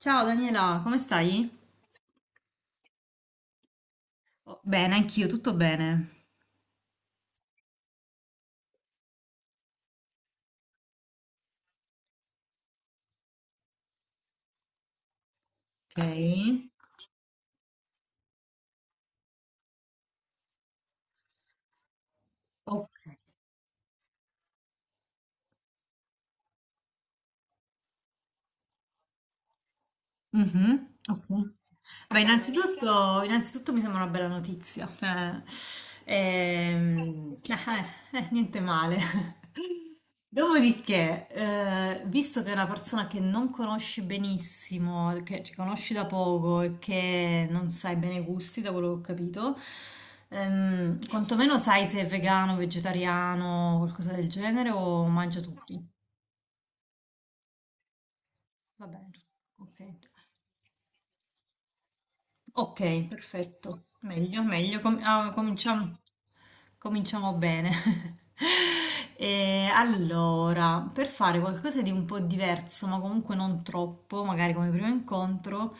Ciao Daniela, come stai? Oh, bene, anch'io, tutto bene. Ok. Ok. Mhm, ok. Beh, innanzitutto, mi sembra una bella notizia. Ehm, eh, Niente male. Dopodiché, visto che è una persona che non conosci benissimo, che ci conosci da poco e che non sai bene i gusti, da quello che ho capito, quantomeno sai se è vegano, vegetariano, qualcosa del genere o mangia tutti. Va bene, ok. Ok, perfetto. Meglio, meglio. Cominciamo, bene. E allora, per fare qualcosa di un po' diverso, ma comunque non troppo, magari come primo incontro,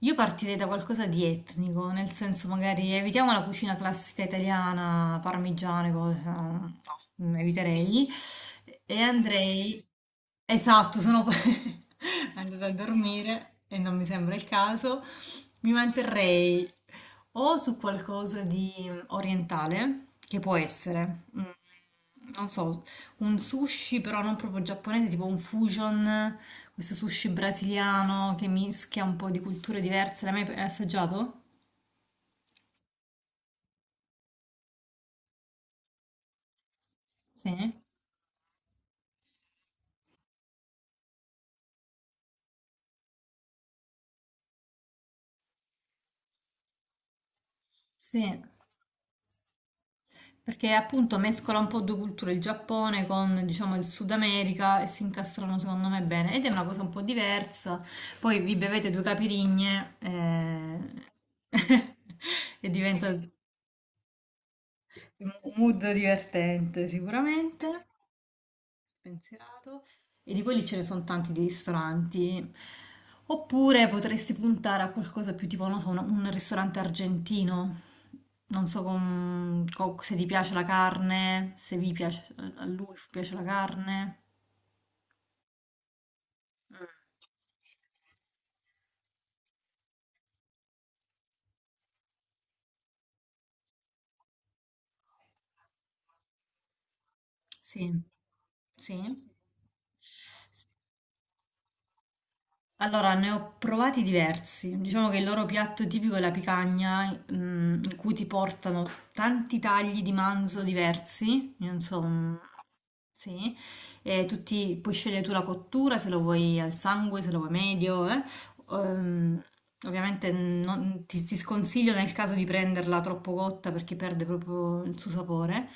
io partirei da qualcosa di etnico, nel senso magari evitiamo la cucina classica italiana, parmigiane, cose, no, eviterei, e andrei... Esatto, sono poi andata a dormire e non mi sembra il caso. Mi manterrei o su qualcosa di orientale, che può essere, non so, un sushi però non proprio giapponese, tipo un fusion, questo sushi brasiliano che mischia un po' di culture diverse. L'hai mai assaggiato? Sì. Sì. Perché appunto mescola un po' due culture, il Giappone con diciamo il Sud America e si incastrano secondo me bene ed è una cosa un po' diversa. Poi vi bevete due capirigne e diventa un mood divertente sicuramente pensierato e di quelli ce ne sono tanti di ristoranti. Oppure potresti puntare a qualcosa più tipo, non so, un ristorante argentino. Non so se ti piace la carne, se vi piace, a lui piace la carne. Mm. Sì, sì. Allora, ne ho provati diversi. Diciamo che il loro piatto tipico è la picagna, in cui ti portano tanti tagli di manzo diversi. Io non so, mm, sì, e tutti puoi scegliere tu la cottura, se lo vuoi al sangue, se lo vuoi medio, eh. Ehm, ovviamente ti sconsiglio nel caso di prenderla troppo cotta perché perde proprio il suo sapore,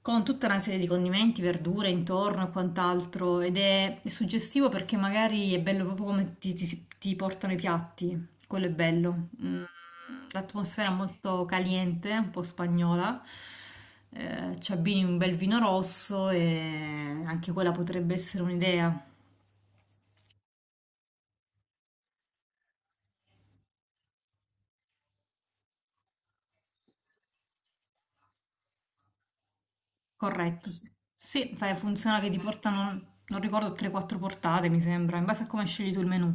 con tutta una serie di condimenti, verdure intorno e quant'altro, ed è suggestivo perché magari è bello proprio come ti portano i piatti, quello è bello. Mm, l'atmosfera è molto caliente, un po' spagnola. Ci abbini un bel vino rosso e anche quella potrebbe essere un'idea. Corretto. Sì. Sì, funziona che ti portano, non ricordo, 3-4 portate, mi sembra, in base a come scegli tu il menù.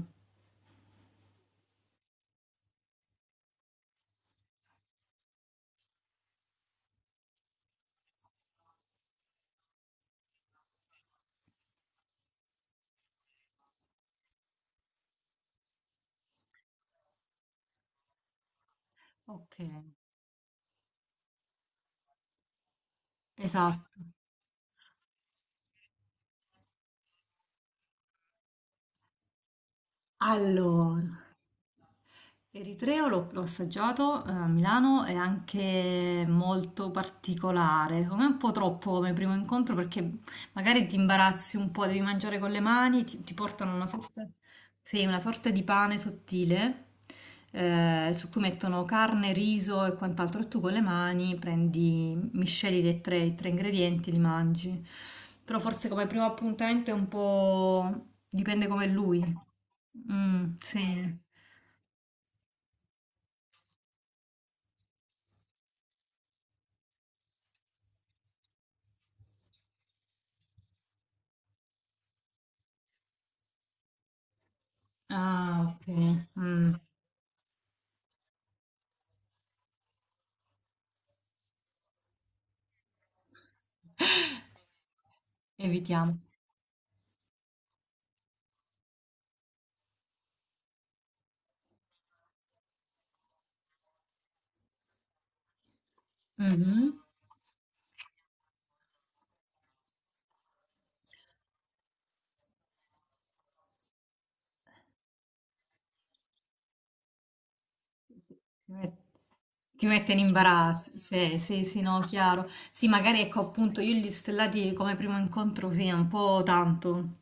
Ok, esatto. Allora, l'eritreo l'ho assaggiato a Milano, è anche molto particolare, secondo me è un po' troppo come primo incontro perché magari ti imbarazzi un po', devi mangiare con le mani, ti portano una sorta... Sì, una sorta di pane sottile su cui mettono carne, riso e quant'altro. E tu con le mani prendi, misceli i tre ingredienti e li mangi. Però forse come primo appuntamento è un po'... dipende come è lui. Mm, sì. Ah, ok. Mm. Evitiamo. Mhm. Ti met- ti mette in imbarazzo, sì, sì, sì, no, chiaro. Sì, magari ecco appunto io gli stellati come primo incontro, sì, è un po' tanto.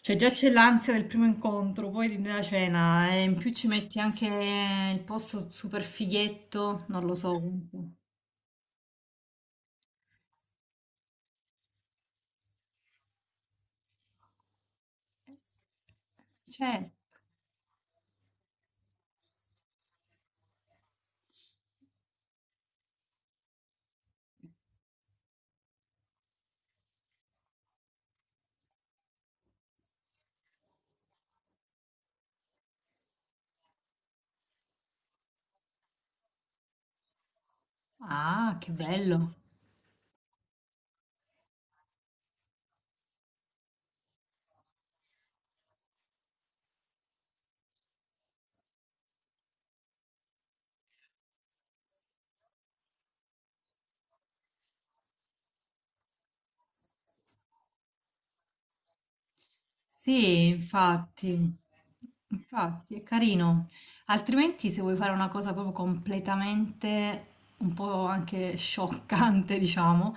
Cioè già c'è l'ansia del primo incontro, poi della cena, e in più ci metti anche il posto super fighetto, non lo so, comunque. Cioè, ah, che bello. Sì, infatti, infatti è carino. Altrimenti, se vuoi fare una cosa proprio completamente un po' anche scioccante, diciamo,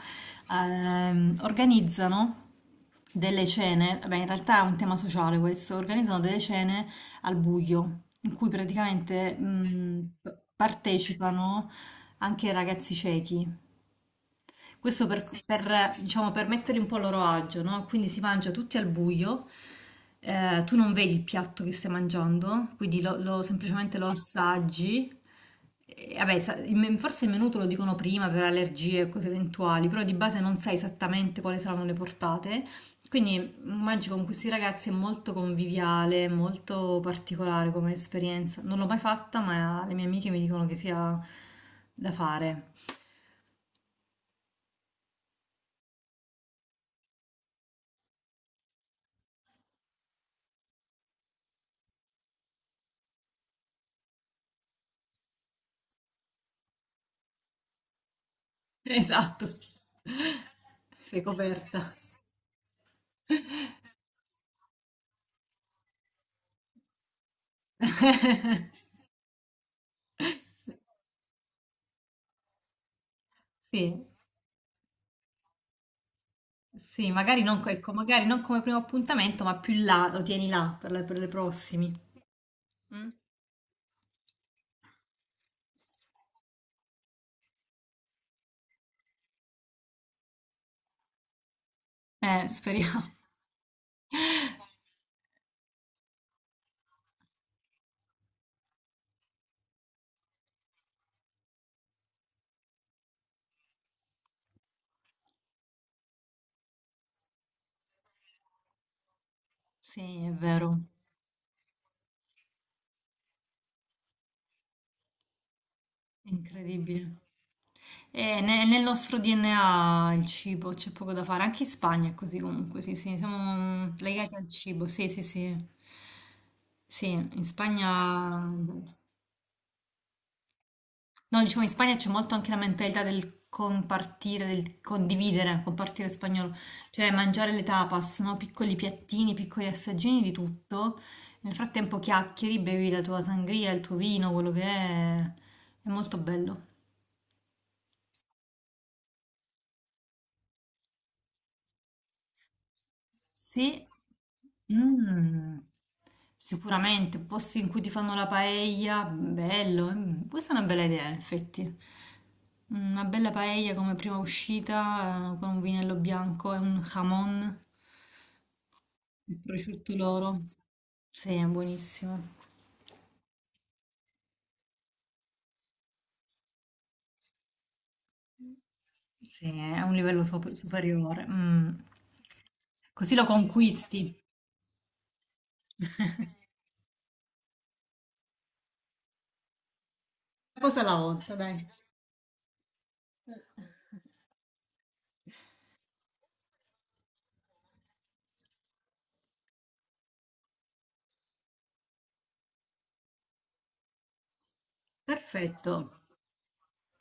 organizzano delle cene. Beh, in realtà è un tema sociale questo. Organizzano delle cene al buio, in cui praticamente partecipano anche ragazzi ciechi. Questo per, diciamo, per metterli un po' a loro agio, no? Quindi si mangia tutti al buio, tu non vedi il piatto che stai mangiando, quindi semplicemente lo assaggi. E, vabbè, forse il menù te lo dicono prima per allergie e cose eventuali, però di base non sai esattamente quali saranno le portate. Quindi mangi con questi ragazzi, è molto conviviale, molto particolare come esperienza. Non l'ho mai fatta, ma le mie amiche mi dicono che sia da fare. Esatto. Sei coperta. Sì, sì, magari non, co- ecco, magari non come primo appuntamento, ma più là, lo tieni là per per le prossimi. Mm? Speriamo. Sì, è vero, incredibile. Nel nostro DNA il cibo c'è poco da fare, anche in Spagna è così comunque, sì, sì, siamo legati al cibo, sì, sì, sì. Sì, in Spagna no, diciamo in Spagna c'è molto anche la mentalità del compartire, del condividere, compartire spagnolo, cioè mangiare le tapas, no? Piccoli piattini, piccoli assaggini di tutto. Nel frattempo chiacchieri, bevi la tua sangria, il tuo vino, quello che è. È molto bello. Sì, mm. Sicuramente, posti in cui ti fanno la paella, bello, mm. Questa è una bella idea, in effetti. Mm, una bella paella come prima uscita, con un vinello bianco e un jamon, il prosciutto loro. Sì, è buonissimo. Sì, è un livello superiore. Mm. Così lo conquisti. Una cosa alla volta, dai. Perfetto.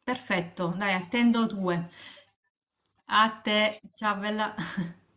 Perfetto, dai, attendo due. A te, ciao bella.